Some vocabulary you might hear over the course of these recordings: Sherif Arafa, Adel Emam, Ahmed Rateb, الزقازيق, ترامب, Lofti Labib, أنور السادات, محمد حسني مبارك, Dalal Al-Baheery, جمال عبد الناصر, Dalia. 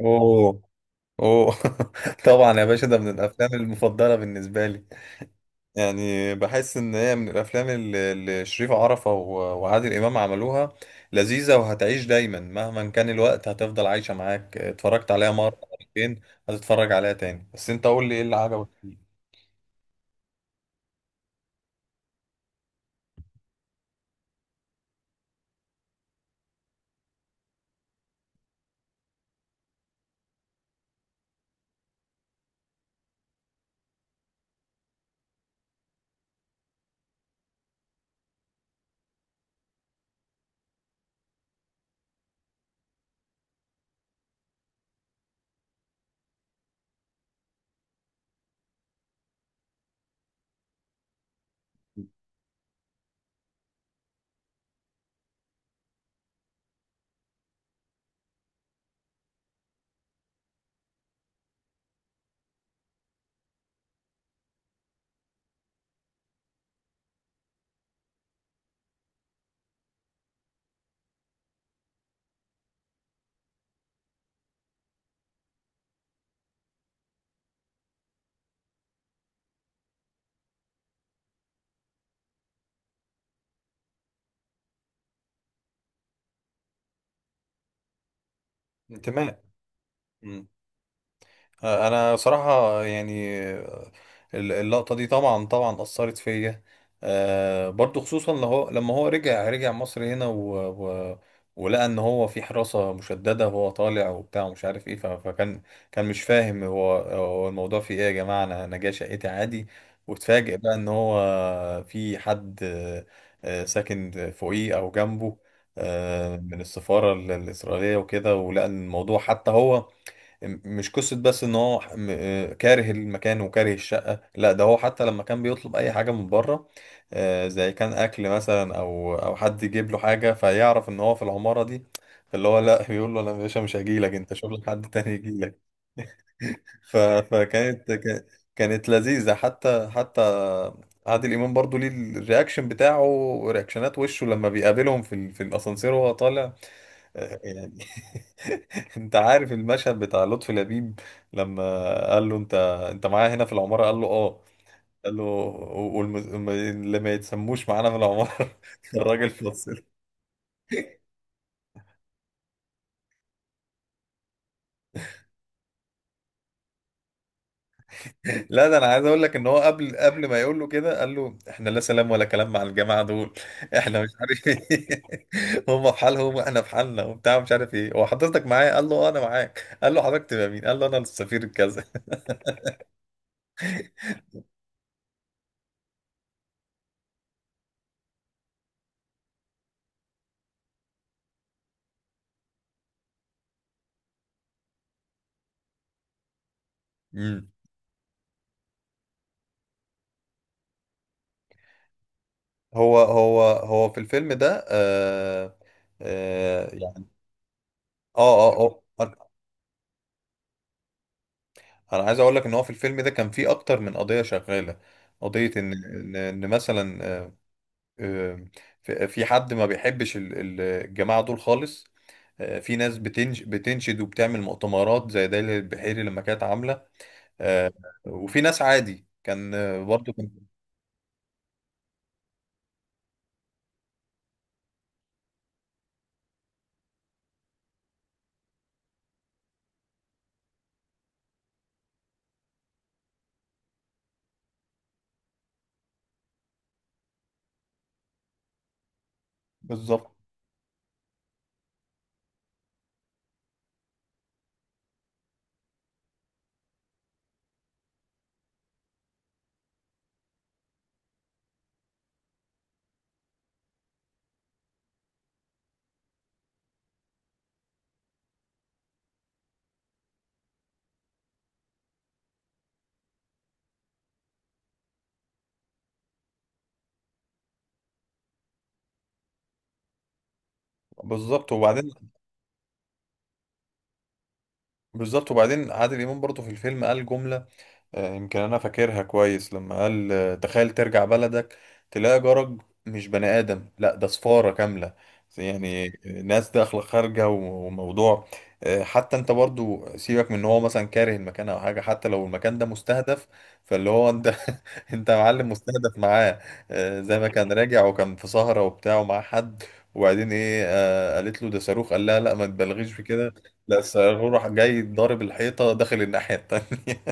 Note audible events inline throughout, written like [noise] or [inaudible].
اوه اوه. [laughs] طبعا يا باشا، ده من الافلام المفضله بالنسبه لي. يعني بحس ان هي من الافلام اللي شريف عرفة وعادل امام عملوها. لذيذه وهتعيش دايما مهما كان الوقت هتفضل عايشه معاك. اتفرجت عليها مره مرتين، هتتفرج عليها تاني. بس انت قول لي ايه اللي عجبك فيه. انتماء. انا صراحة يعني اللقطة دي طبعا طبعا اثرت فيا. برضو خصوصا لما هو رجع مصر هنا و... ولقى ان هو في حراسة مشددة وهو طالع وبتاع ومش عارف ايه. فكان كان مش فاهم هو الموضوع في ايه يا جماعة. انا جاي شقتي عادي، واتفاجئ بقى ان هو في حد، ساكن فوقيه او جنبه، من السفارة الإسرائيلية وكده. ولقى إن الموضوع حتى هو مش قصة بس ان هو كاره المكان وكاره الشقة. لا ده هو حتى لما كان بيطلب اي حاجة من بره، زي كان اكل مثلا او حد يجيب له حاجة فيعرف ان هو في العمارة دي، اللي هو لا بيقول له انا يا باشا مش هجيلك، انت شوف لك حد تاني يجيلك. [laughs] ف- فكانت كا- كانت لذيذة. حتى حتى عادل امام برضو ليه الرياكشن بتاعه، رياكشنات وشه لما بيقابلهم في الاسانسير وهو طالع، يعني. [laughs] انت عارف المشهد بتاع لطفي لبيب لما قال له انت، معايا هنا في العمارة؟ قال له اه. قال له واللي ما يتسموش معانا في العمارة. [laughs] الراجل فصل. لا ده انا عايز اقول لك ان هو قبل ما يقول له كده قال له احنا لا سلام ولا كلام مع الجماعة دول. [laughs] احنا مش عارف ايه. [laughs] هم في حالهم واحنا في حالنا وبتاع مش عارف ايه. هو حضرتك معايا؟ قال له اه انا معاك. قال له حضرتك تبقى مين؟ قال له انا السفير الكذا. [laughs] هو في الفيلم ده آه، آه يعني. اه اه اه. انا عايز اقول لك ان هو في الفيلم ده كان فيه اكتر من قضية شغالة. قضية ان ان إن مثلا، آه، في في حد ما بيحبش الجماعة دول خالص. في ناس بتنشد وبتعمل مؤتمرات زي دليل البحيري لما كانت عاملة، آه، وفي ناس عادي كان، برضه كان. بالظبط. بالظبط وبعدين. بالظبط وبعدين عادل امام برضه في الفيلم قال جملة، يمكن انا فاكرها كويس لما قال، تخيل ترجع بلدك تلاقي جرج مش بني ادم، لا ده صفارة كاملة. يعني، ناس داخلة خارجة وموضوع، حتى انت برضو سيبك من ان هو مثلا كاره المكان او حاجة، حتى لو المكان ده مستهدف، فاللي هو انت، [laughs] انت يا معلم مستهدف معاه. زي ما كان راجع وكان في سهرة وبتاع ومعاه حد، وبعدين ايه، قالت له ده صاروخ، قال لها لا ما تبالغيش في كده. لا الصاروخ راح جاي ضارب الحيطة داخل الناحية التانية.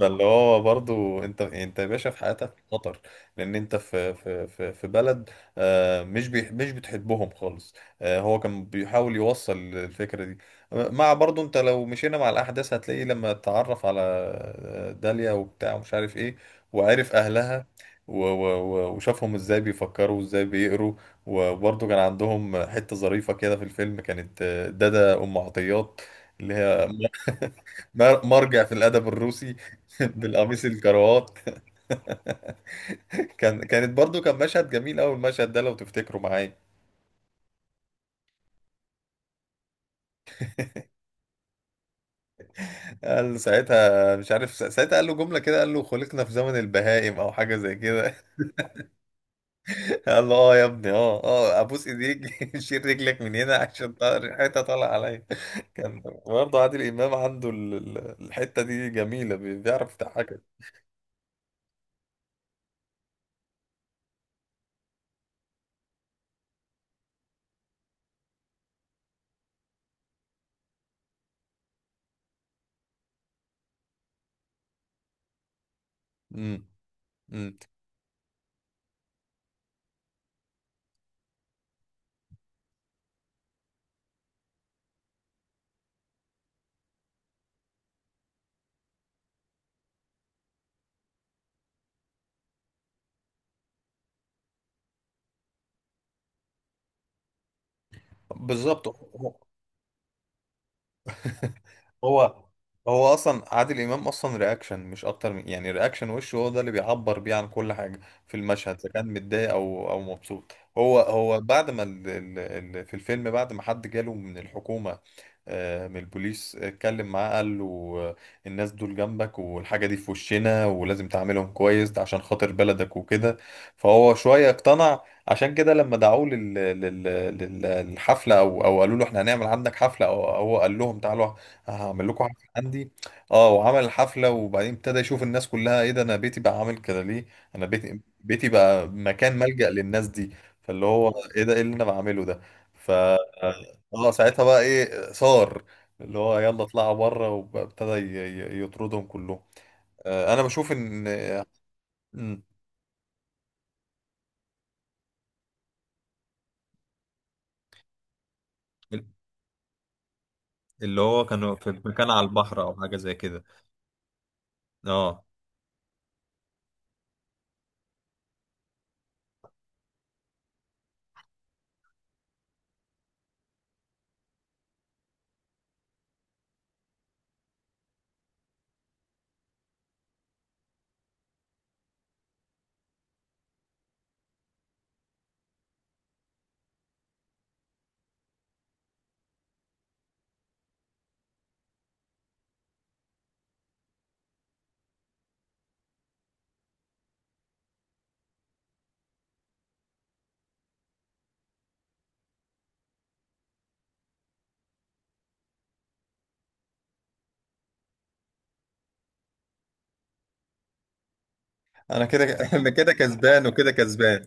فاللي هو برضو انت يا باشا في حياتك خطر لان انت في بلد، مش بتحبهم خالص. هو كان بيحاول يوصل الفكره دي. مع برضو انت لو مشينا مع الاحداث هتلاقي لما اتعرف على، داليا وبتاع ومش عارف ايه، وعرف اهلها وشافهم ازاي بيفكروا وازاي بيقروا. وبرضو كان عندهم حته ظريفه كده في الفيلم كانت، دادا ام عطيات اللي هي مرجع في الادب الروسي، [laughs] بالقميص الكروات. كان كانت برضو كان مشهد جميل قوي المشهد ده لو تفتكروا معايا. قال ساعتها مش عارف ساعتها قال له جمله كده، قال له خلقنا في زمن البهائم او حاجه زي كده. [laughs] قال له اه يا ابني، اه اه ابوس ايديك، [laughs] شيل رجلك من هنا عشان ريحتها طالعه عليا. [laughs] كان برضه عادل امام عنده الحته دي جميله، بيعرف يضحكك. امم. امم. بالظبط. [laughs] هو هو اصلا عادل امام اصلا رياكشن مش اكتر من يعني رياكشن وشه، هو ده اللي بيعبر بيه عن كل حاجه في المشهد اذا كان متضايق او مبسوط. هو بعد ما ال ال ال في الفيلم بعد ما حد جاله من الحكومه، من البوليس اتكلم معاه قال له، آه، الناس دول جنبك والحاجه دي في وشنا، ولازم تعاملهم كويس ده عشان خاطر بلدك وكده. فهو شويه اقتنع. عشان كده لما دعوه لل- للحفله، او قالوا له احنا هنعمل عندك حفله، او هو قال لهم تعالوا هعمل لكم حفلة عندي. اه وعمل الحفلة. وبعدين ابتدى يشوف الناس كلها، ايه ده، انا بيتي بقى عامل كده ليه؟ انا بيتي بقى مكان ملجأ للناس دي. فاللي هو ايه ده، ايه اللي انا بعمله ده؟ ف اه آه، ساعتها بقى ايه صار، اللي هو يلا اطلعوا بره، وابتدى يطردهم كلهم. انا بشوف ان. مم. اللي هو كانوا في مكان على البحر او حاجه زي كده. اه انا كده، [laughs] انا كده كسبان وكده كسبان.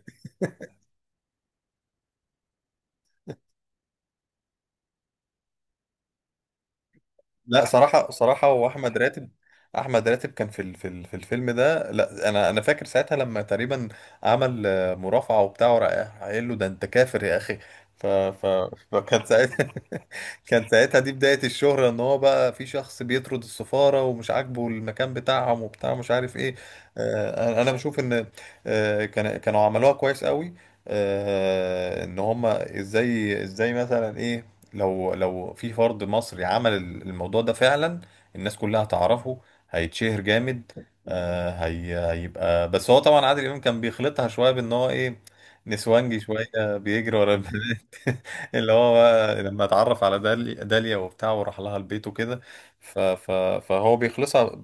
لا صراحة صراحة هو أحمد راتب. أحمد راتب كان في الفيلم ده، لا أنا فاكر ساعتها لما تقريبا عمل، مرافعة وبتاع وراح قايل له ده أنت كافر يا أخي. ف ف فكان ساعتها، [laughs] كان ساعتها دي بداية الشهرة إن هو بقى في شخص بيطرد السفارة ومش عاجبه المكان بتاعهم وبتاع مش عارف إيه. أنا بشوف إن، كانوا عملوها كويس قوي، إن هما إزاي مثلا إيه، لو في فرد مصري عمل الموضوع ده فعلا الناس كلها هتعرفه، هيتشهر جامد. آه، هي هيبقى، بس هو طبعا عادل امام كان بيخلطها شويه بان هو ايه، نسوانجي شويه، بيجري ورا البنات. [laughs] اللي هو بقى لما اتعرف على داليا وبتاع وراح لها البيت وكده. ف- ف- فهو بيخلصها،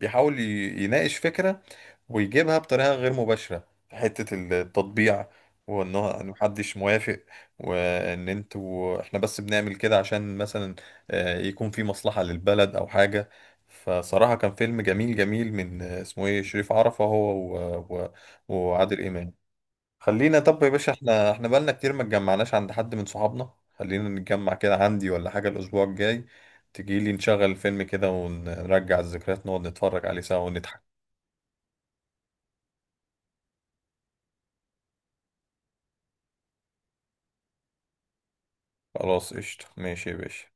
بيحاول يناقش فكره، ويجيبها بطريقة غير مباشرة في حتة التطبيع، وان هو إن محدش موافق، وان انتوا احنا بس بنعمل كده عشان مثلا، يكون في مصلحة للبلد او حاجة. فصراحة كان فيلم جميل جميل من، اسمه ايه شريف عرفة هو و... وعادل امام. خلينا طب يا باشا احنا، بقالنا كتير ما اتجمعناش عند حد من صحابنا. خلينا نتجمع كده عندي ولا حاجة الاسبوع الجاي، تجيلي نشغل الفيلم كده ونرجع الذكريات، نقعد نتفرج عليه سوا ونضحك. خلاص قشطة ماشي يا باشا.